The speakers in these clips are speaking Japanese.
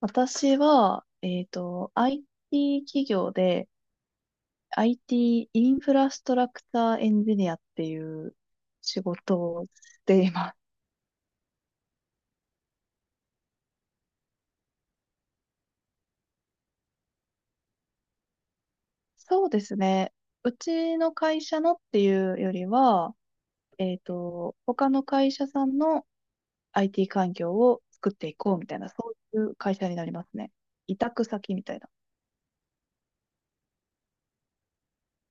私は、IT 企業で IT イティーインフラストラクターエンジニアっていう仕事をしています。そうですね。うちの会社のっていうよりは、他の会社さんの IT 環境を作っていこうみたいな、そういう会社になりますね。委託先みたいな。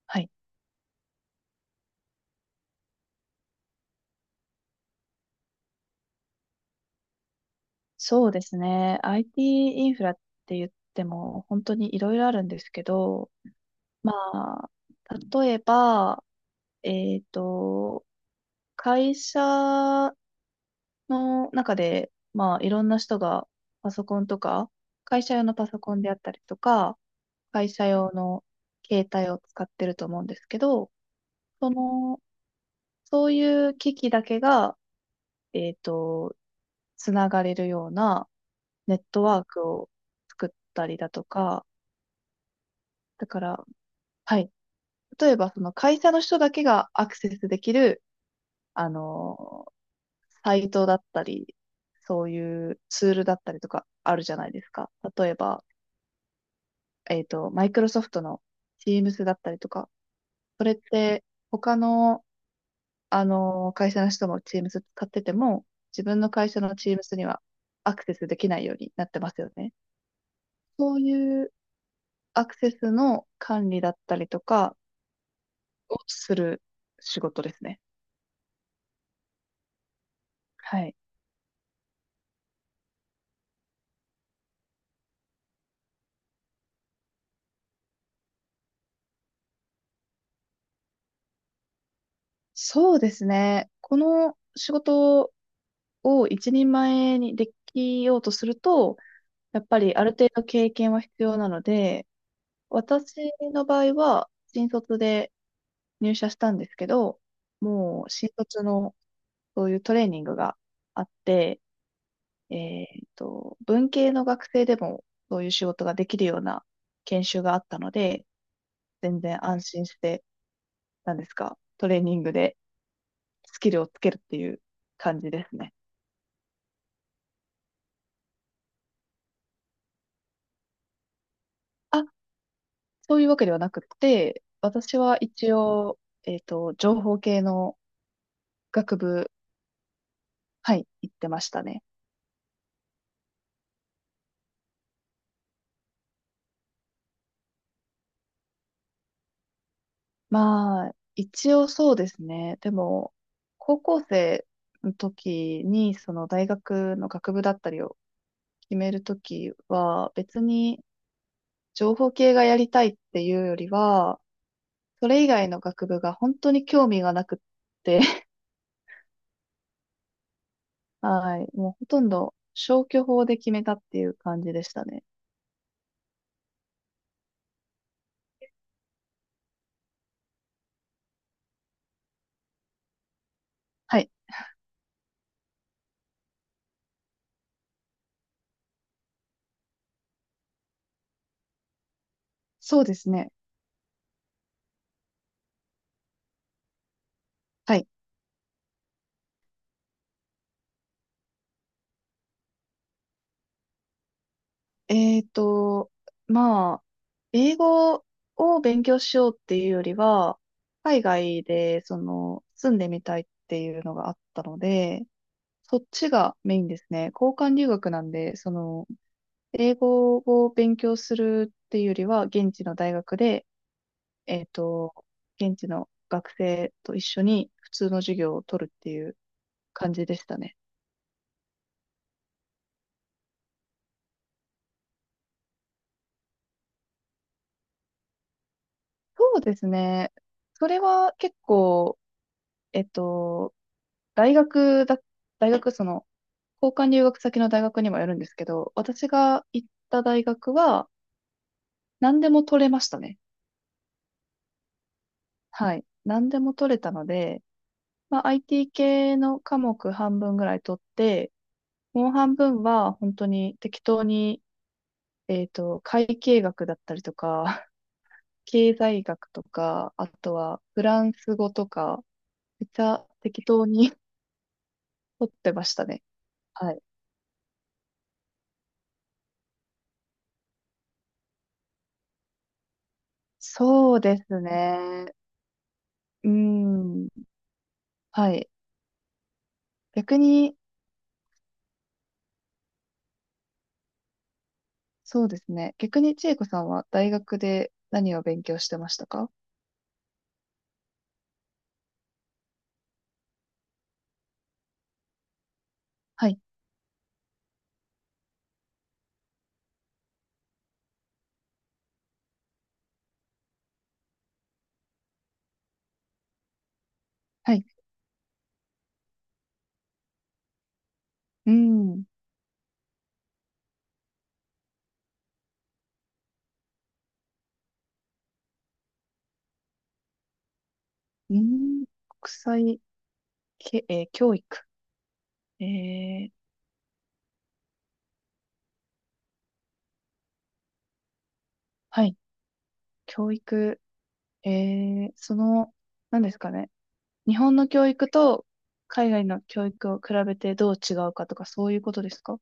はい。そうですね。IT イティーインフラって言っても本当にいろいろあるんですけど、まあ、例えば、えっと、会社の中で、まあ、いろんな人がパソコンとか、会社用のパソコンであったりとか、会社用の携帯を使ってると思うんですけど、その、そういう機器だけが、えっと、つながれるようなネットワークを作ったりだとか、だから、はい。例えば、その会社の人だけがアクセスできるあの、サイトだったり、そういうツールだったりとかあるじゃないですか。例えば、マイクロソフトの Teams だったりとか、それって他の、会社の人も Teams 使ってても、自分の会社の Teams にはアクセスできないようになってますよね。そういうアクセスの管理だったりとかをする仕事ですね。はい。そうですね。この仕事を一人前にできようとすると、やっぱりある程度経験は必要なので、私の場合は新卒で入社したんですけど、もう新卒のそういうトレーニングがあって、えっ文系の学生でもそういう仕事ができるような研修があったので、全然安心して、なんですか、トレーニングでスキルをつけるっていう感じですね。あ、そういうわけではなくて、私は一応、情報系の学部、はい、行ってましたね。まあ、一応そうですね。でも、高校生の時に、その大学の学部だったりを決めるときは、別に情報系がやりたいっていうよりは、それ以外の学部が本当に興味がなくって、はい、もうほとんど消去法で決めたっていう感じでしたね。はい、そうですね。はいえーと、まあ、英語を勉強しようっていうよりは、海外で、住んでみたいっていうのがあったので、そっちがメインですね。交換留学なんで、英語を勉強するっていうよりは、現地の大学で、えーと、現地の学生と一緒に普通の授業を取るっていう感じでしたね。そうですね。それは結構、えっと、大学だ、大学、交換留学先の大学にもよるんですけど、私が行った大学は、何でも取れましたね。はい。何でも取れたので、まあ、IT 系の科目半分ぐらい取って、もう半分は本当に適当に、会計学だったりとか、経済学とか、あとはフランス語とか、めっちゃ適当に 取ってましたね。はい。そうですね。うーん。はい。逆に、そうですね。逆に千恵子さんは大学で何を勉強してましたか？はい、はい。うん、うん、国際け、えー教育。えー、はい、教育。えー、その、何ですかね。日本の教育と海外の教育を比べてどう違うかとか、そういうことですか？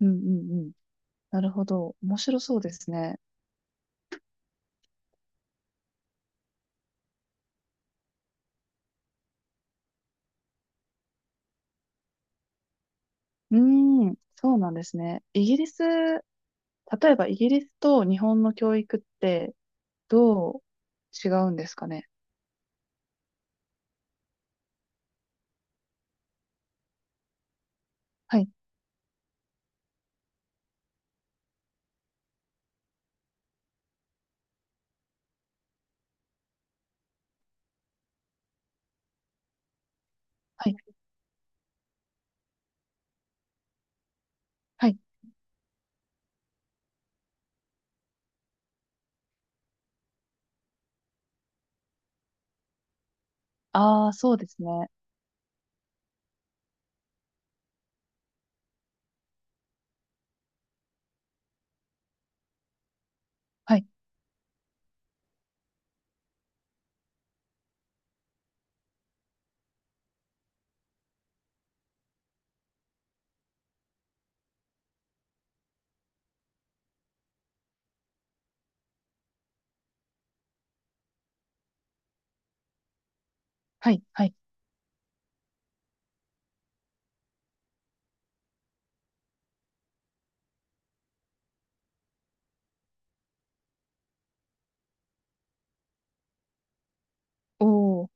うん、うん、うん。なるほど。面白そうですね。うーん、そうなんですね。イギリス、例えばイギリスと日本の教育って、どう違うんですかね。はい、はい、はい。ああ、そうですね。はい、はい、はい。おー、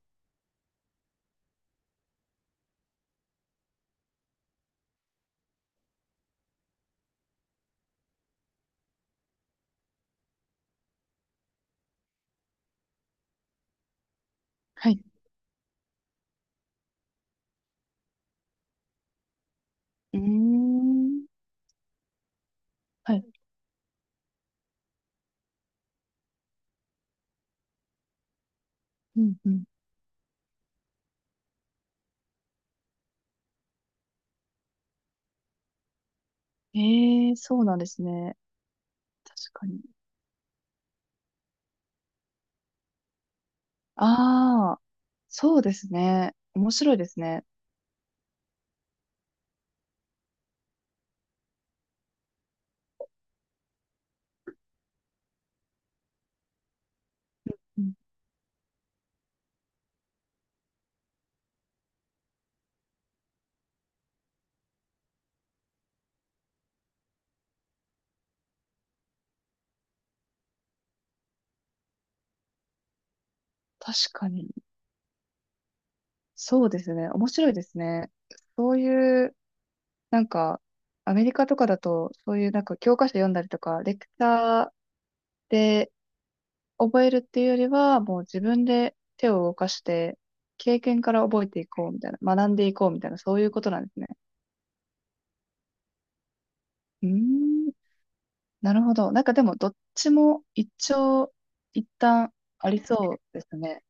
はい。うーん、はい、うん、うん。ええー、そうなんですね。確かに。ああ、そうですね。面白いですね。うん、確かに。そうですね。面白いですね。そういう、なんか、アメリカとかだと、そういうなんか教科書読んだりとか、レクチャーで覚えるっていうよりは、もう自分で手を動かして、経験から覚えていこうみたいな、学んでいこうみたいな、そういうことなんですね。うーん、なるほど。なんかでも、どっちも一長一短ありそうですね。